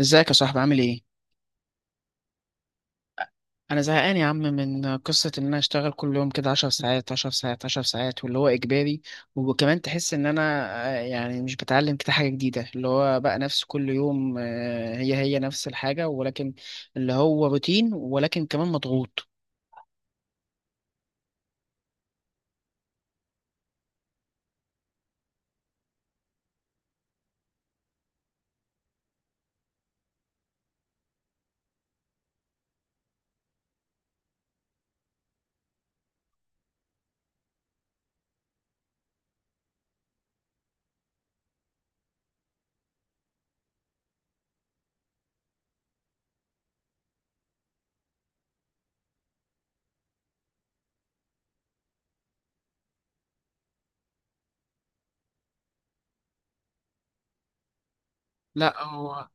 ازيك يا صاحبي؟ عامل ايه؟ انا زهقان يا عم من قصة ان انا اشتغل كل يوم كده 10 ساعات 10 ساعات 10 ساعات، واللي هو اجباري، وكمان تحس ان انا يعني مش بتعلم كده حاجة جديدة، اللي هو بقى نفس كل يوم، هي هي نفس الحاجة، ولكن اللي هو روتين، ولكن كمان مضغوط. لا، هو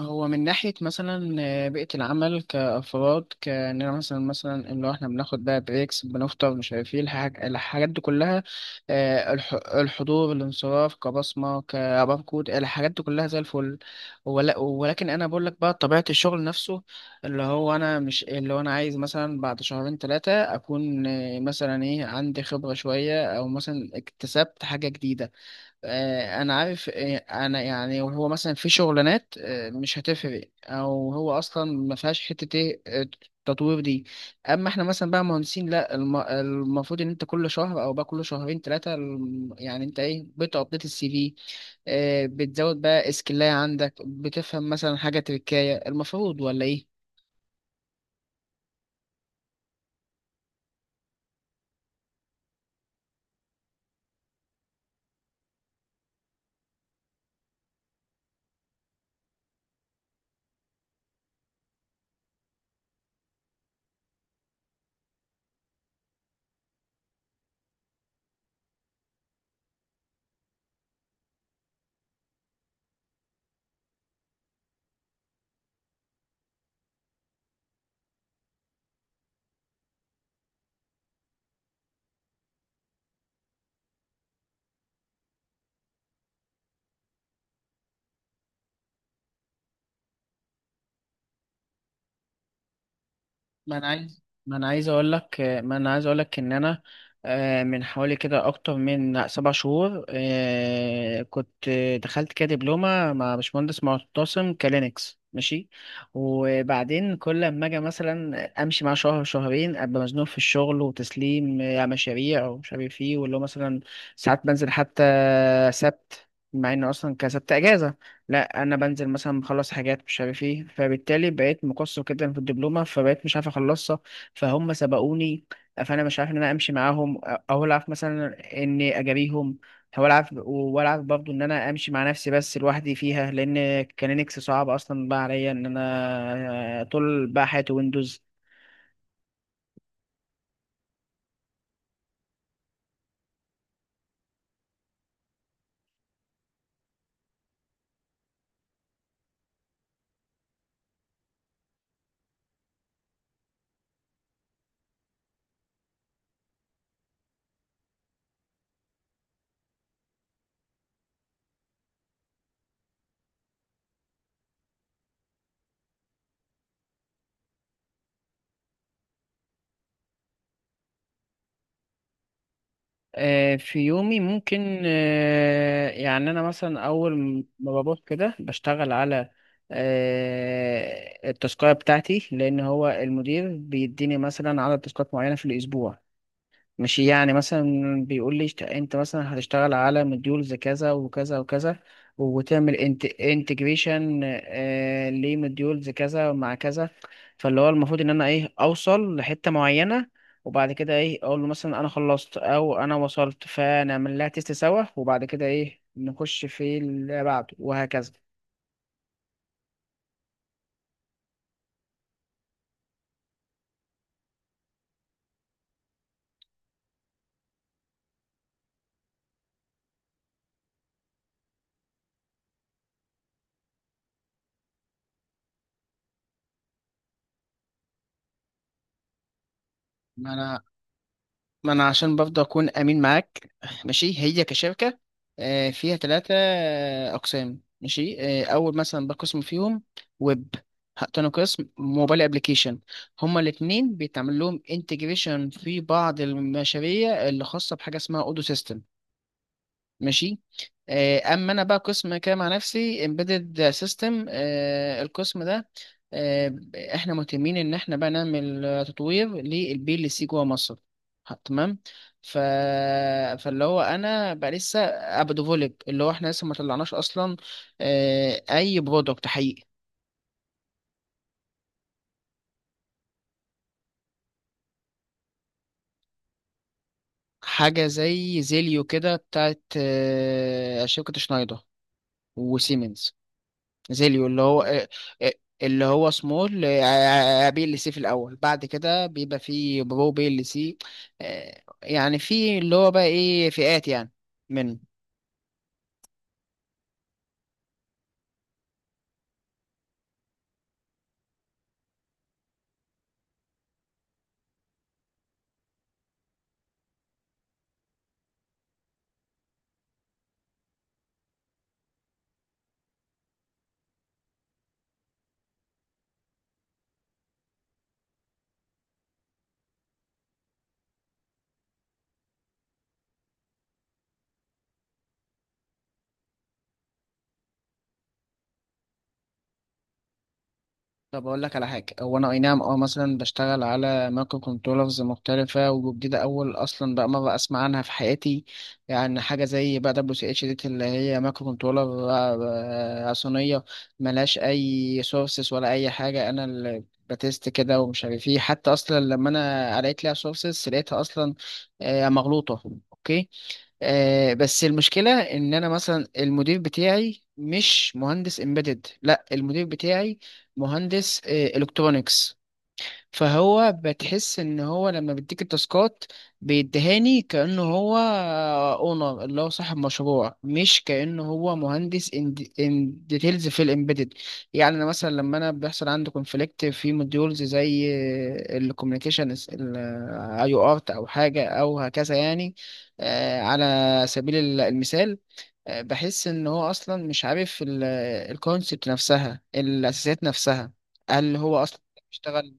هو من ناحية مثلا بيئة العمل كأفراد، كأننا مثلا اللي هو احنا بناخد بقى بريكس، بنفطر مش عارف ايه الحاجات دي كلها. الحضور الانصراف كبصمة كباركود، الحاجات دي كلها زي الفل. ولكن أنا بقول لك بقى طبيعة الشغل نفسه، اللي هو أنا مش اللي هو أنا عايز مثلا بعد شهرين ثلاثة أكون مثلا إيه، عندي خبرة شوية، أو مثلا اكتسبت حاجة جديدة. انا عارف، انا يعني، وهو مثلا في شغلانات مش هتفرق، او هو اصلا ما فيهاش حته ايه تطوير دي. اما احنا مثلا بقى مهندسين، لا المفروض ان انت كل شهر او بقى كل شهرين ثلاثه، يعني انت ايه، بتابديت السي في، بتزود بقى اسكلايه عندك، بتفهم مثلا حاجه تركايه، المفروض ولا ايه؟ ما انا عايز ما انا عايز اقول لك ما انا عايز اقول لك ان انا من حوالي كده اكتر من 7 شهور كنت دخلت كده دبلومه مع باشمهندس معتصم، كلينكس، ماشي. وبعدين كل لما اجي مثلا امشي معاه شهر شهرين، ابقى مزنوق في الشغل، وتسليم مشاريع ومش عارف ايه، واللي هو مثلا ساعات بنزل حتى سبت مع انه اصلا كسبت اجازه. لا، انا بنزل مثلا مخلص حاجات مش عارف ايه، فبالتالي بقيت مقصر جدا في الدبلومه، فبقيت مش عارف اخلصها، فهم سبقوني. فانا مش عارف ان انا امشي معاهم او العب مثلا اني اجاريهم، او العب والعب برضه ان انا امشي مع نفسي بس لوحدي فيها، لان كان لينكس صعب اصلا بقى عليا ان انا طول بقى حياتي ويندوز. في يومي ممكن يعني أنا مثلا أول ما بروح كده بشتغل على التاسكاية بتاعتي، لأن هو المدير بيديني مثلا عدد تاسكات معينة في الأسبوع، مش يعني مثلا بيقول لي انت مثلا هتشتغل على مديولز كذا وكذا وكذا، وتعمل انت انتجريشن لمديولز كذا مع كذا. فاللي هو المفروض ان انا ايه، اوصل لحتة معينة، وبعد كده ايه، اقول له مثلا انا خلصت او انا وصلت، فنعمل لها تيست سوا، وبعد كده ايه، نخش في اللي بعده، وهكذا. ما انا ما انا عشان برضه اكون امين معاك، ماشي. هي كشركه فيها ثلاثه اقسام، ماشي. اول مثلا بقسم فيهم ويب، تاني قسم موبايل ابلكيشن، هما الاثنين بيتعمل لهم انتجريشن في بعض المشاريع اللي خاصه بحاجه اسمها اودو سيستم، ماشي. اما انا بقى قسم كده مع نفسي، امبيدد سيستم. القسم ده آه، احنا مهتمين ان احنا بقى نعمل تطوير للبي ال سي جوه مصر. تمام. ف... فاللي هو انا بقى لسه ابقى ديفولب، اللي هو احنا لسه ما طلعناش اصلا اي برودكت حقيقي. حاجه زي زيليو كده بتاعت شركه شنايدر وسيمنز. زيليو اللي هو آه، اللي هو سمول بي ال سي في الاول، بعد كده بيبقى فيه برو بي ال سي. يعني في اللي هو بقى ايه، فئات يعني منه. طب اقول لك على حاجه. هو انا اي نعم اه، مثلا بشتغل على مايكرو كنترولرز مختلفه وجديده، اول اصلا بقى مره اسمع عنها في حياتي، يعني حاجه زي بقى دبليو سي اتش دي، اللي هي مايكرو كنترولر صينيه، ملهاش اي سورسز ولا اي حاجه، انا اللي بتست كده ومش عارف ايه، حتى اصلا لما انا قريت لها سورسز لقيتها اصلا مغلوطه. اوكي. آه، بس المشكلة إن أنا مثلا المدير بتاعي مش مهندس امبيدد، لا المدير بتاعي مهندس آه إلكترونيكس. فهو بتحس ان هو لما بيديك التاسكات بيديهاني كأنه هو اونر، اللي هو صاحب مشروع، مش كأنه هو مهندس ان ديتيلز في الامبيدد. يعني انا مثلا لما انا بيحصل عندي كونفليكت في موديولز زي الكوميونيكيشن، اي او ارت او حاجه او هكذا، يعني على سبيل المثال، بحس ان هو اصلا مش عارف الكونسبت نفسها، الاساسيات نفسها. هل هو اصلا بيشتغل؟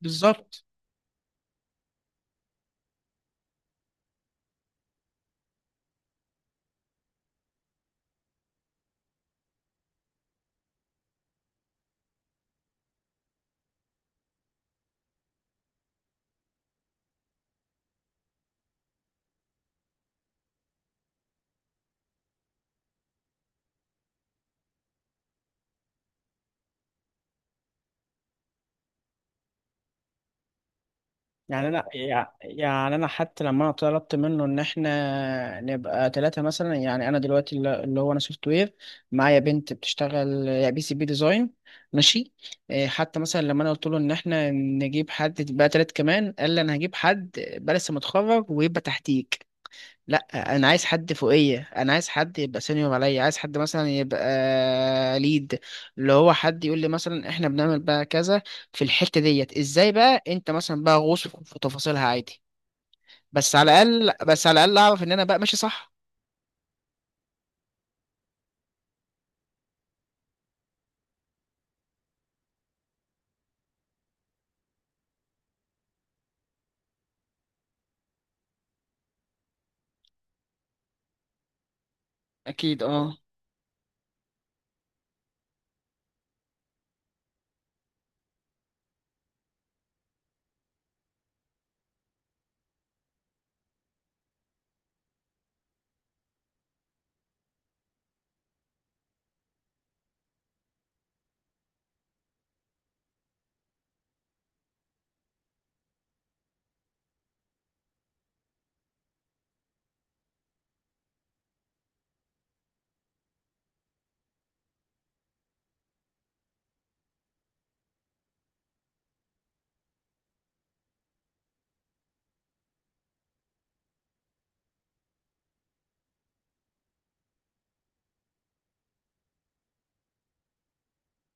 بالظبط. يعني انا يعني انا حتى لما انا طلبت منه ان احنا نبقى ثلاثه مثلا، يعني انا دلوقتي اللي هو انا سوفت وير، معايا بنت بتشتغل بي سي بي ديزاين، ماشي. إيه، حتى مثلا لما انا قلت له ان احنا نجيب حد بقى ثلاث كمان، قال لي انا هجيب حد بقى لسه متخرج ويبقى تحتيك. لا، انا عايز حد فوقيه، انا عايز حد يبقى سينيور عليا، عايز حد مثلا يبقى ليد، اللي هو حد يقول لي مثلا احنا بنعمل بقى كذا في الحتة ديت ازاي، بقى انت مثلا بقى غوص في تفاصيلها عادي، بس على الاقل، بس على الاقل اعرف ان انا بقى ماشي صح. اكيد اه.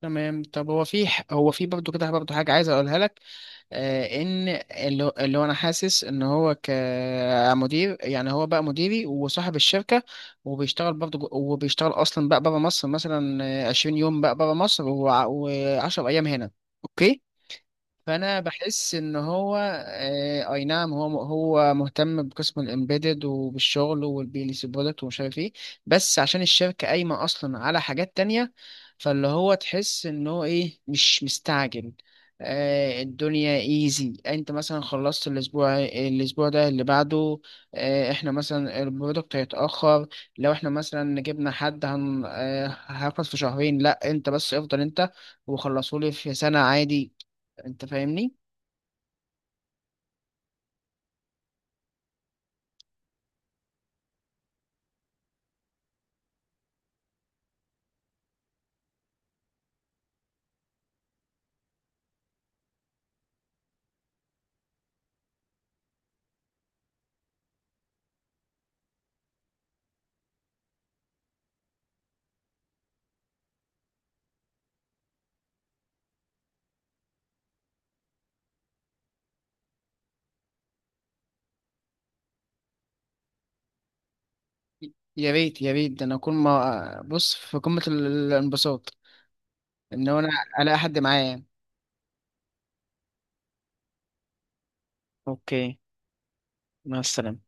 تمام. طب هو في هو في برضه كده برضه حاجة عايز اقولها لك، ان اللي هو انا حاسس ان هو كمدير، يعني هو بقى مديري وصاحب الشركه، وبيشتغل برضه وبيشتغل اصلا بقى بره مصر مثلا 20 يوم بقى بره مصر، و10 ايام هنا. اوكي. فانا بحس ان هو اي نعم، هو هو مهتم بقسم الامبيدد وبالشغل والبيليس برودكت ومش عارف ايه، بس عشان الشركه قايمه اصلا على حاجات تانية، فاللي هو تحس ان هو ايه، مش مستعجل. الدنيا ايزي، انت مثلا خلصت الاسبوع، ده اللي بعده. احنا مثلا البرودكت هيتاخر لو احنا مثلا جبنا حد هياخد في شهرين، لا انت بس افضل انت، وخلصوا لي في سنه عادي، انت فاهمني. يا ريت، يا ريت، ده انا اكون ما بص في قمة الانبساط، ان انا الاقي حد معايا. اوكي. مع السلامة.